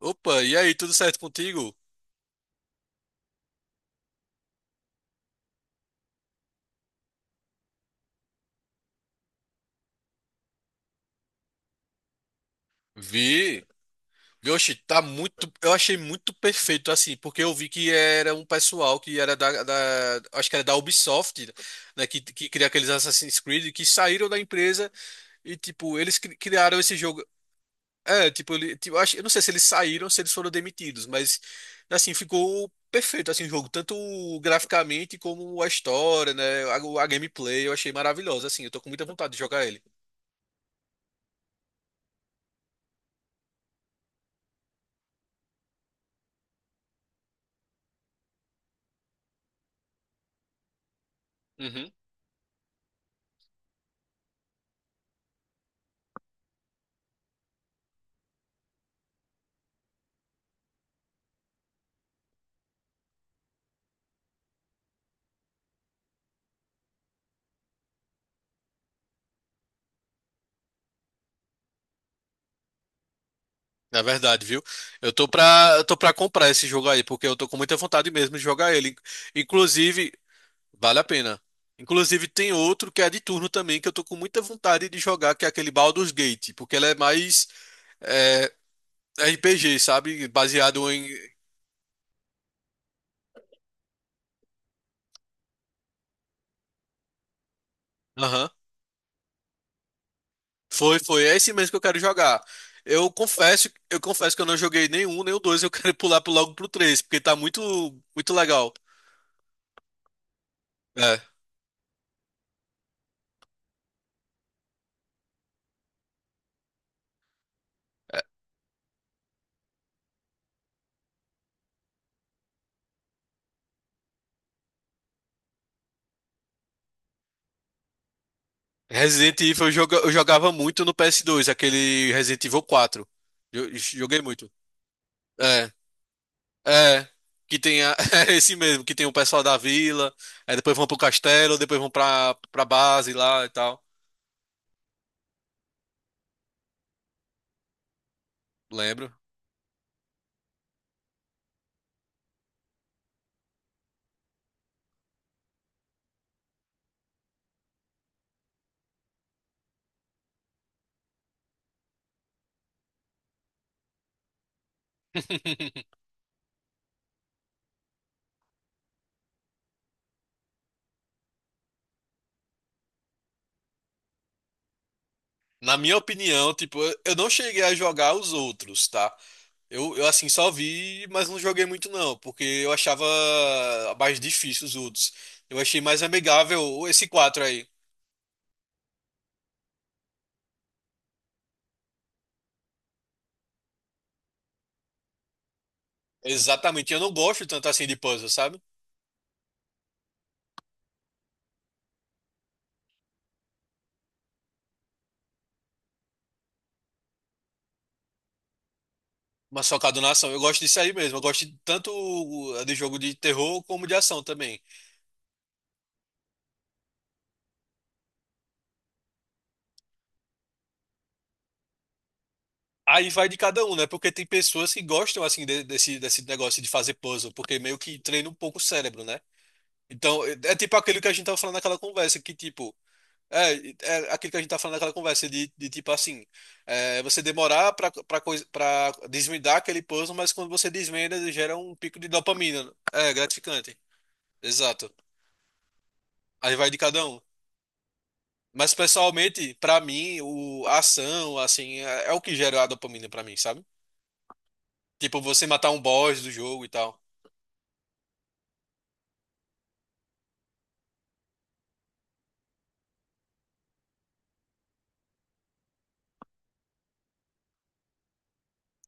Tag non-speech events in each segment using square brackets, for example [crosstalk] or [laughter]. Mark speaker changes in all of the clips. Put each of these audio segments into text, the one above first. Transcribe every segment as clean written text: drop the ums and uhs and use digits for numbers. Speaker 1: Opa, e aí, tudo certo contigo? Vi. Oxe, tá muito. Eu achei muito perfeito assim, porque eu vi que era um pessoal que era acho que era da Ubisoft, né? Que cria aqueles Assassin's Creed que saíram da empresa e, tipo, eles criaram esse jogo. É, tipo, ele, tipo, eu acho, eu não sei se eles saíram ou se eles foram demitidos, mas assim, ficou perfeito assim o jogo, tanto graficamente como a história, né? A gameplay, eu achei maravilhosa, assim, eu tô com muita vontade de jogar ele. Na verdade, viu? Eu tô pra comprar esse jogo aí, porque eu tô com muita vontade mesmo de jogar ele. Inclusive, vale a pena. Inclusive, tem outro que é de turno também, que eu tô com muita vontade de jogar, que é aquele Baldur's Gate, porque ele é mais é, RPG, sabe? Baseado em. Aham. Foi. É esse mesmo que eu quero jogar. Eu confesso que eu não joguei nenhum, nem o dois. Eu [laughs] quero pular logo pro três, porque tá muito legal. É. Resident Evil eu jogava muito no PS2, aquele Resident Evil 4. Eu- Joguei muito. É, é. Que tem [laughs] é esse mesmo, que tem o pessoal da vila, aí depois vão pro castelo, depois vão pra base lá e tal. Lembro. [laughs] Na minha opinião, tipo, eu não cheguei a jogar os outros, tá? Eu assim só vi, mas não joguei muito não, porque eu achava mais difícil os outros. Eu achei mais amigável esse 4 aí. Exatamente. Eu não gosto tanto assim de puzzle, sabe? Mas focado na ação. Eu gosto disso aí mesmo. Eu gosto tanto de jogo de terror como de ação também. Aí vai de cada um, né? Porque tem pessoas que gostam, assim, desse negócio de fazer puzzle, porque meio que treina um pouco o cérebro, né? Então, é tipo aquilo que a gente tava falando naquela conversa, que tipo. É, é aquilo que a gente tá falando naquela conversa, de tipo assim. É, você demorar pra desvendar aquele puzzle, mas quando você desvenda, gera um pico de dopamina. Né? É gratificante. Exato. Aí vai de cada um. Mas pessoalmente, pra mim, o a ação, assim, é o que gera a dopamina pra mim, sabe? Tipo, você matar um boss do jogo e tal.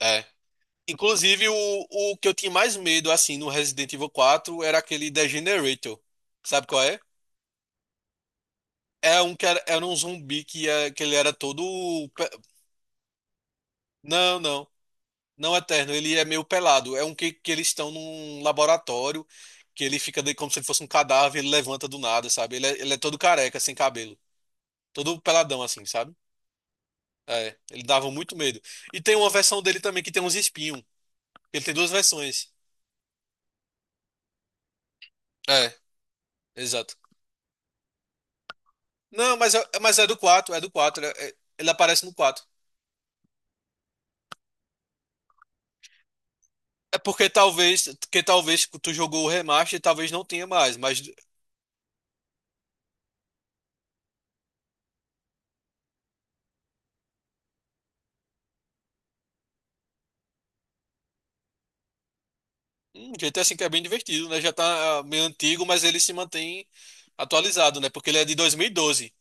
Speaker 1: É. Inclusive, o que eu tinha mais medo, assim, no Resident Evil 4 era aquele Degenerator. Sabe qual é? É um que era um zumbi que ele era todo. pe- Não, não. Não eterno, ele é meio pelado. É um que eles estão num laboratório, que ele fica de, como se ele fosse um cadáver, ele levanta do nada, sabe? Ele é todo careca, sem cabelo. Todo peladão, assim, sabe? É, ele dava muito medo. E tem uma versão dele também que tem uns espinhos. Ele tem duas versões. É, exato. Não, mas é do 4. É do 4. Ele aparece no 4. É porque talvez, que talvez tu jogou o remaster e talvez não tenha mais, mas um GTA V é bem divertido, né? Já tá ah, meio antigo, mas ele se mantém atualizado, né? Porque ele é de 2012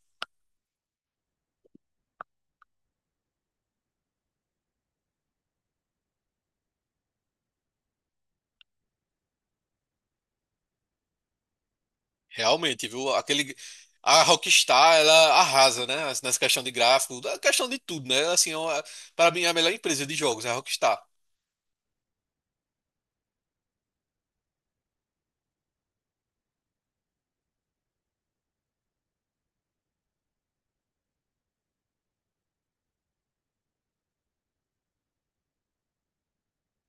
Speaker 1: realmente, viu? Aquele... A Rockstar, ela arrasa, né? Assim, nessa questão de gráfico, na questão de tudo, né? Assim, para mim, é a melhor empresa de jogos é a Rockstar.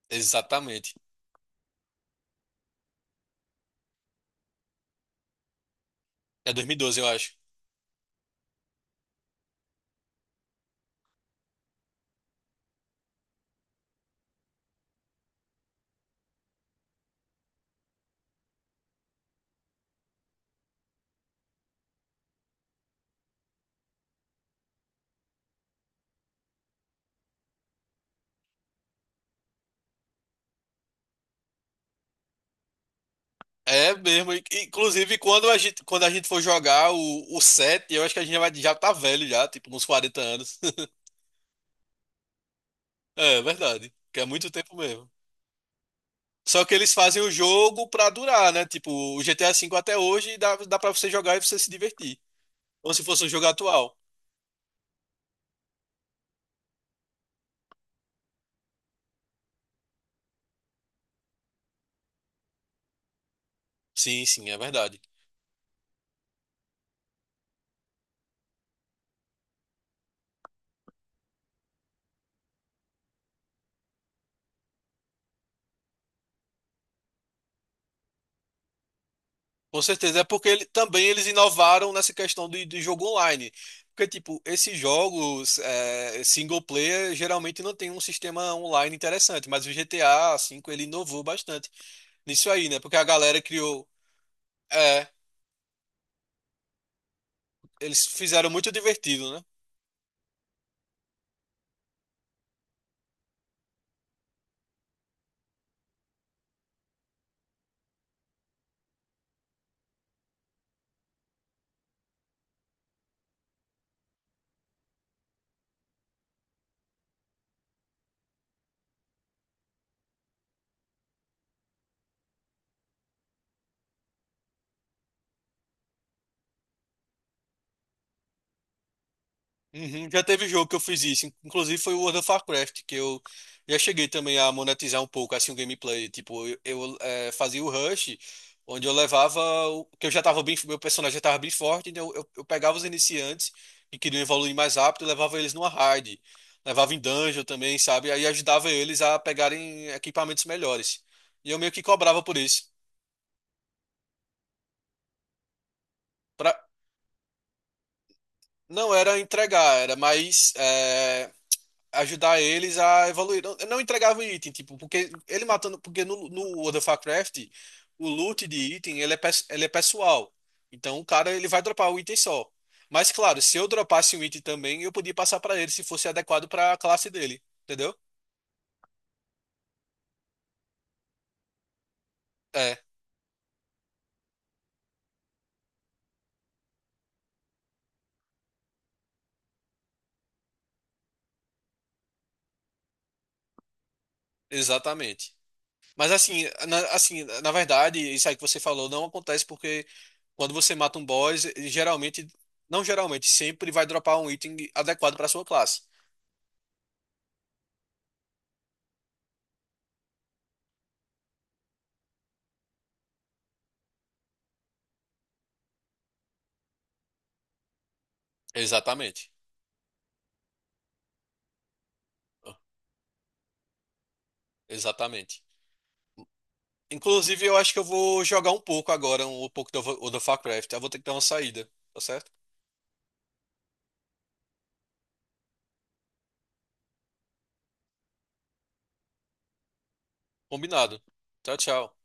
Speaker 1: Exatamente. É 2012 eu acho. É mesmo. Inclusive, quando a gente for jogar o set, eu acho que a gente vai, já tá velho já, tipo, uns 40 anos. [laughs] É, verdade. Que é muito tempo mesmo. Só que eles fazem o jogo pra durar, né? Tipo, o GTA V até hoje dá pra você jogar e você se divertir. Como se fosse um jogo atual. Sim, sim, é verdade. Com certeza, é porque ele, também eles inovaram nessa questão de jogo online. Porque, tipo, esses jogos é, single player geralmente não tem um sistema online interessante, mas o GTA V ele inovou bastante nisso aí, né? Porque a galera criou. É, eles fizeram muito divertido, né? Uhum, já teve jogo que eu fiz isso. Inclusive foi o World of Warcraft, que eu já cheguei também a monetizar um pouco assim o gameplay. Tipo, fazia o rush, onde eu levava. Que eu já tava bem. Meu personagem já tava bem forte, então eu pegava os iniciantes que queriam evoluir mais rápido e levava eles numa raid. Levava em dungeon também, sabe? Aí ajudava eles a pegarem equipamentos melhores. E eu meio que cobrava por isso. Pra... Não era entregar, era mais. É, ajudar eles a evoluir. Não, eu não entregava item, tipo, porque ele matando, porque no World of Warcraft, o loot de item, ele é, ele é pessoal. Então o cara, ele vai dropar o item só. Mas claro, se eu dropasse um item também, eu podia passar pra ele se fosse adequado pra classe dele, entendeu? É, exatamente. Mas assim, assim, na verdade, isso aí que você falou não acontece porque quando você mata um boss, ele geralmente, não geralmente, sempre vai dropar um item adequado pra sua classe. Exatamente. Exatamente. Inclusive, eu acho que eu vou jogar um pouco agora, um pouco do Warcraft. Eu vou ter que dar uma saída, tá certo? Combinado. Tchau, tchau.